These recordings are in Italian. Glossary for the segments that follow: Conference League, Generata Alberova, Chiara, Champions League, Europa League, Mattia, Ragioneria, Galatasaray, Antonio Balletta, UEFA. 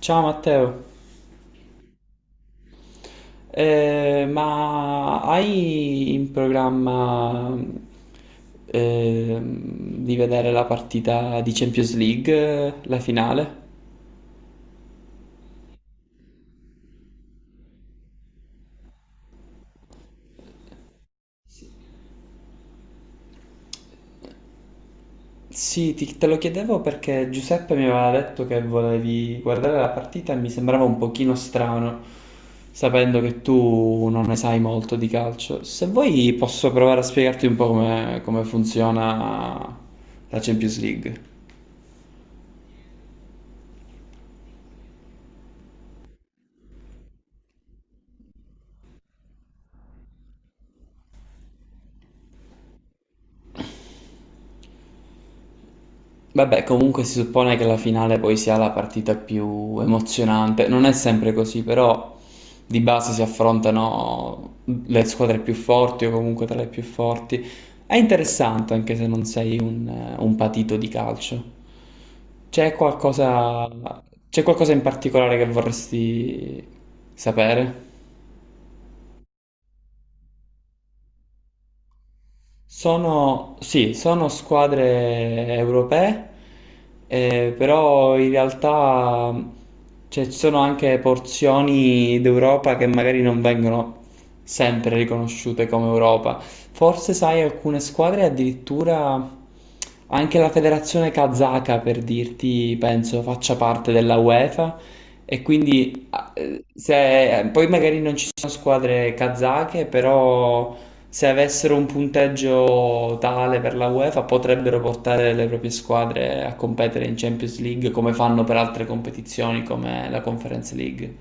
Ciao Matteo, ma hai in programma di vedere la partita di Champions League, la finale? Sì, te lo chiedevo perché Giuseppe mi aveva detto che volevi guardare la partita e mi sembrava un pochino strano, sapendo che tu non ne sai molto di calcio. Se vuoi posso provare a spiegarti un po' come funziona la Champions League. Vabbè, comunque si suppone che la finale poi sia la partita più emozionante. Non è sempre così, però di base si affrontano le squadre più forti o comunque tra le più forti. È interessante anche se non sei un patito di calcio. C'è qualcosa, c'è qualcosa in particolare che vorresti sapere? Sono, sì, sono squadre europee, però in realtà, cioè, ci sono anche porzioni d'Europa che magari non vengono sempre riconosciute come Europa. Forse, sai, alcune squadre addirittura anche la federazione kazaka, per dirti, penso faccia parte della UEFA e quindi ah, se, poi magari non ci sono squadre kazake, però se avessero un punteggio tale per la UEFA potrebbero portare le proprie squadre a competere in Champions League come fanno per altre competizioni come la Conference League.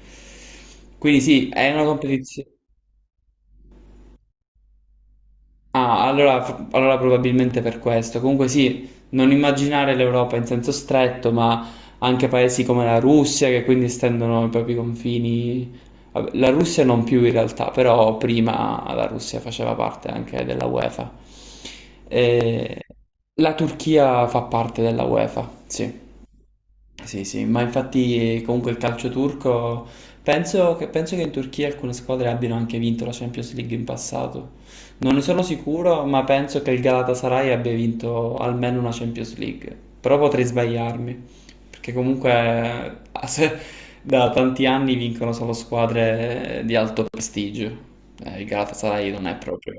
Quindi sì, è una competizione. Ah, allora probabilmente per questo. Comunque sì, non immaginare l'Europa in senso stretto, ma anche paesi come la Russia che quindi estendono i propri confini. Vabbè, la Russia non più in realtà, però prima la Russia faceva parte anche della UEFA. E la Turchia fa parte della UEFA, sì. Sì, sì, ma infatti comunque il calcio turco, penso che in Turchia alcune squadre abbiano anche vinto la Champions League in passato. Non ne sono sicuro, ma penso che il Galatasaray abbia vinto almeno una Champions League. Però potrei sbagliarmi, perché comunque eh, se- da tanti anni vincono solo squadre di alto prestigio. Il Galatasaray non è proprio...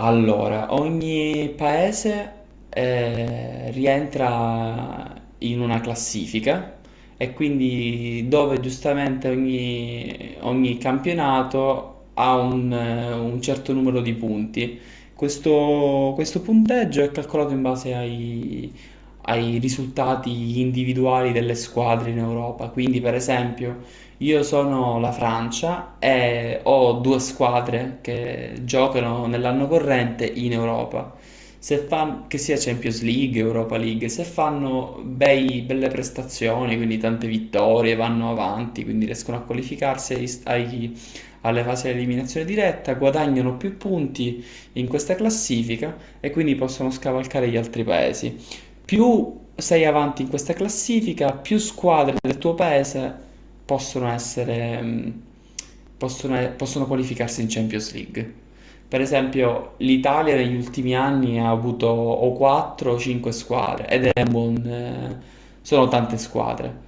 Allora, ogni paese rientra in una classifica e quindi dove giustamente ogni campionato ha un certo numero di punti. Questo punteggio è calcolato in base ai risultati individuali delle squadre in Europa. Quindi, per esempio, io sono la Francia e ho due squadre che giocano nell'anno corrente in Europa. Se fan- che sia Champions League, Europa League, se fanno belle prestazioni, quindi tante vittorie, vanno avanti, quindi riescono a qualificarsi alle fasi di eliminazione diretta, guadagnano più punti in questa classifica e quindi possono scavalcare gli altri paesi. Più sei avanti in questa classifica, più squadre del tuo paese possono essere, possono qualificarsi in Champions League. Per esempio, l'Italia negli ultimi anni ha avuto o 4 o 5 squadre ed è sono tante squadre.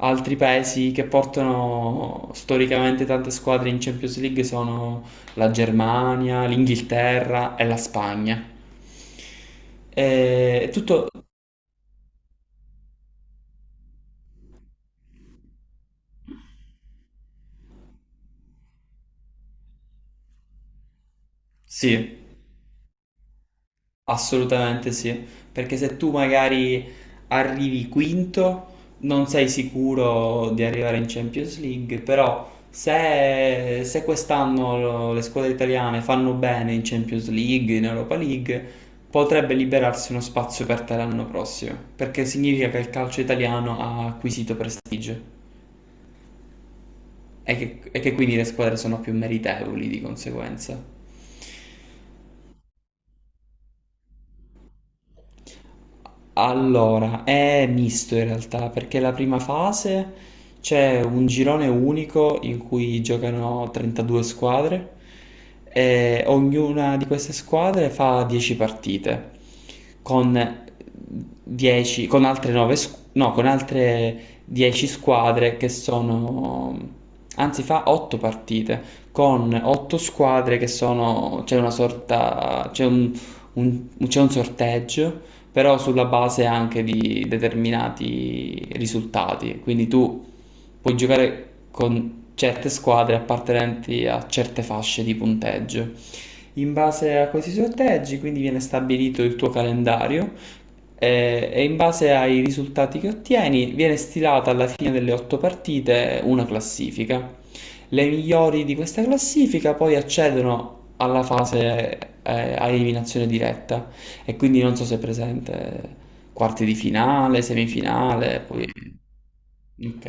Altri paesi che portano storicamente tante squadre in Champions League sono la Germania, l'Inghilterra e la Spagna. E tutto. Sì, assolutamente sì, perché se tu magari arrivi quinto, non sei sicuro di arrivare in Champions League, però se quest'anno le squadre italiane fanno bene in Champions League, in Europa League, potrebbe liberarsi uno spazio per te l'anno prossimo, perché significa che il calcio italiano ha acquisito prestigio e che quindi le squadre sono più meritevoli di conseguenza. Allora, è misto in realtà, perché la prima fase c'è un girone unico in cui giocano 32 squadre e ognuna di queste squadre fa 10 partite con 10, con altre 9, no, con altre 10 squadre che sono, anzi fa 8 partite con 8 squadre che sono, c'è una sorta, c'è c'è un sorteggio, però sulla base anche di determinati risultati. Quindi tu puoi giocare con certe squadre appartenenti a certe fasce di punteggio. In base a questi sorteggi, quindi viene stabilito il tuo calendario e in base ai risultati che ottieni viene stilata alla fine delle otto partite una classifica. Le migliori di questa classifica poi accedono alla fase a eliminazione diretta e quindi non so se è presente quarti di finale, semifinale, poi... Ok.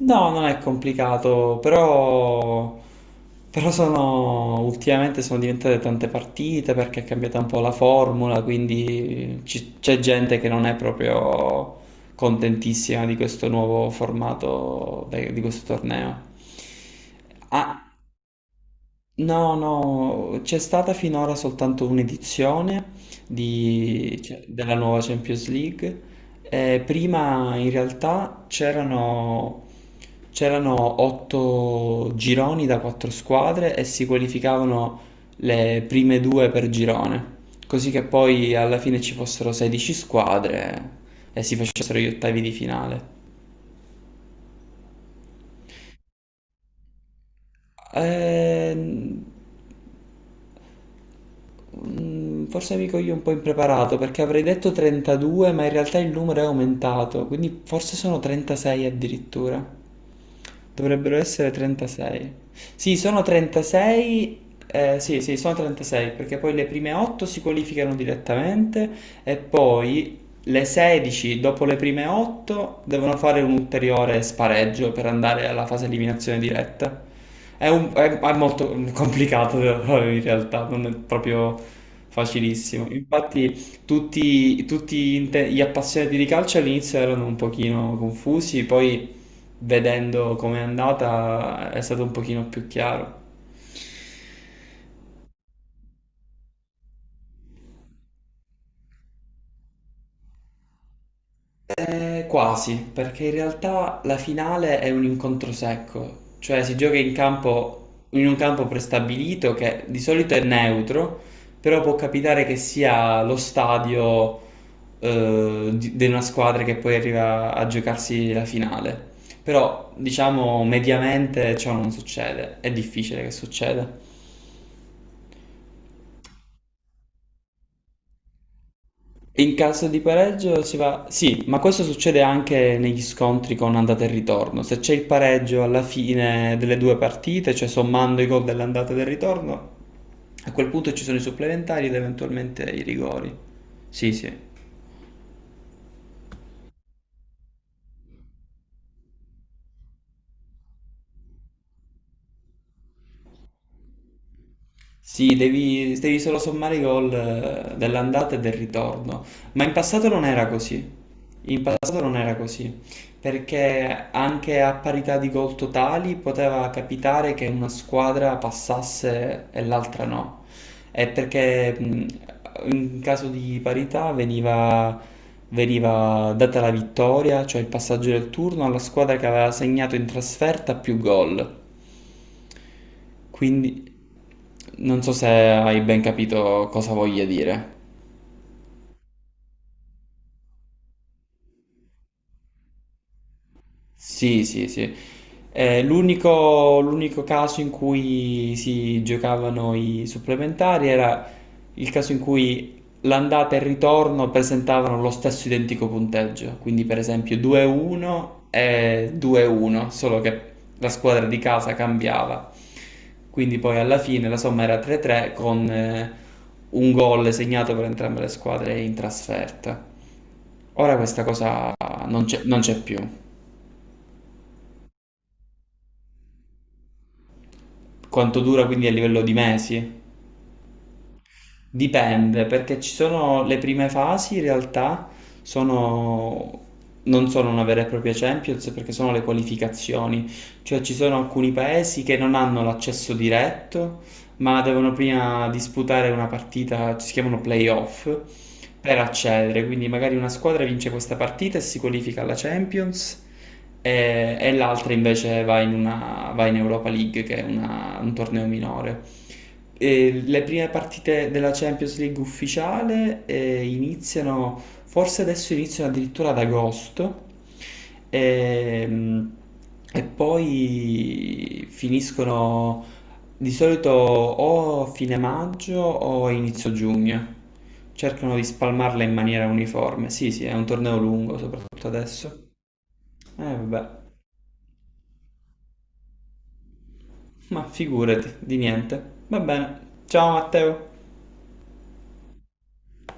No, non è complicato, però, però sono, ultimamente sono diventate tante partite perché è cambiata un po' la formula, quindi c'è gente che non è proprio contentissima di questo nuovo formato di questo torneo. Ah, no, no, c'è stata finora soltanto un'edizione cioè, della nuova Champions League. Prima in realtà c'erano otto gironi da quattro squadre e si qualificavano le prime due per girone, così che poi alla fine ci fossero 16 squadre e si facessero gli ottavi di finale. Ehm, Forse mi coglie un po' impreparato perché avrei detto 32, ma in realtà il numero è aumentato, quindi forse sono 36 addirittura. Dovrebbero essere 36. Sì, sono 36. Sì, sì, sono 36, perché poi le prime 8 si qualificano direttamente e poi le 16 dopo le prime 8 devono fare un ulteriore spareggio per andare alla fase eliminazione diretta. È molto complicato da fare in realtà, non è proprio facilissimo. Infatti tutti gli gli appassionati di calcio all'inizio erano un pochino confusi, poi vedendo com'è andata è stato un pochino più chiaro. Quasi, perché in realtà la finale è un incontro secco, cioè si gioca in campo, in un campo prestabilito che di solito è neutro, però può capitare che sia lo stadio di una squadra che poi arriva a giocarsi la finale. Però, diciamo, mediamente ciò non succede, è difficile che succeda. In caso di pareggio si va... Sì, ma questo succede anche negli scontri con andata e ritorno. Se c'è il pareggio alla fine delle due partite, cioè sommando i gol dell'andata e del ritorno, a quel punto ci sono i supplementari ed eventualmente i rigori. Sì, sì. Sì, devi solo sommare i gol dell'andata e del ritorno, ma in passato non era così. In passato non era così, perché anche a parità di gol totali poteva capitare che una squadra passasse e l'altra no. È perché in caso di parità veniva data la vittoria, cioè il passaggio del turno, alla squadra che aveva segnato in trasferta più gol. Quindi non so se hai ben capito cosa voglia dire. Sì, sì, sì. L'unico caso in cui si giocavano i supplementari era il caso in cui l'andata e il ritorno presentavano lo stesso identico punteggio, quindi per esempio 2-1 e 2-1, solo che la squadra di casa cambiava. Quindi poi alla fine la somma era 3-3 con un gol segnato per entrambe le squadre in trasferta. Ora questa cosa non c'è più. Quanto dura quindi a livello di mesi? Dipende, perché ci sono le prime fasi in realtà sono non sono una vera e propria Champions perché sono le qualificazioni, cioè ci sono alcuni paesi che non hanno l'accesso diretto ma devono prima disputare una partita, si chiamano playoff, per accedere. Quindi magari una squadra vince questa partita e si qualifica alla Champions e l'altra invece va in Europa League, che è un torneo minore. E le prime partite della Champions League ufficiale iniziano, forse adesso iniziano addirittura ad agosto. Ehm, E, poi finiscono di solito o fine maggio o inizio giugno. Cercano di spalmarla in maniera uniforme. Sì, sì, è un torneo lungo, soprattutto adesso. Vabbè, ma figurati, di niente. Va bene. Ciao Matteo.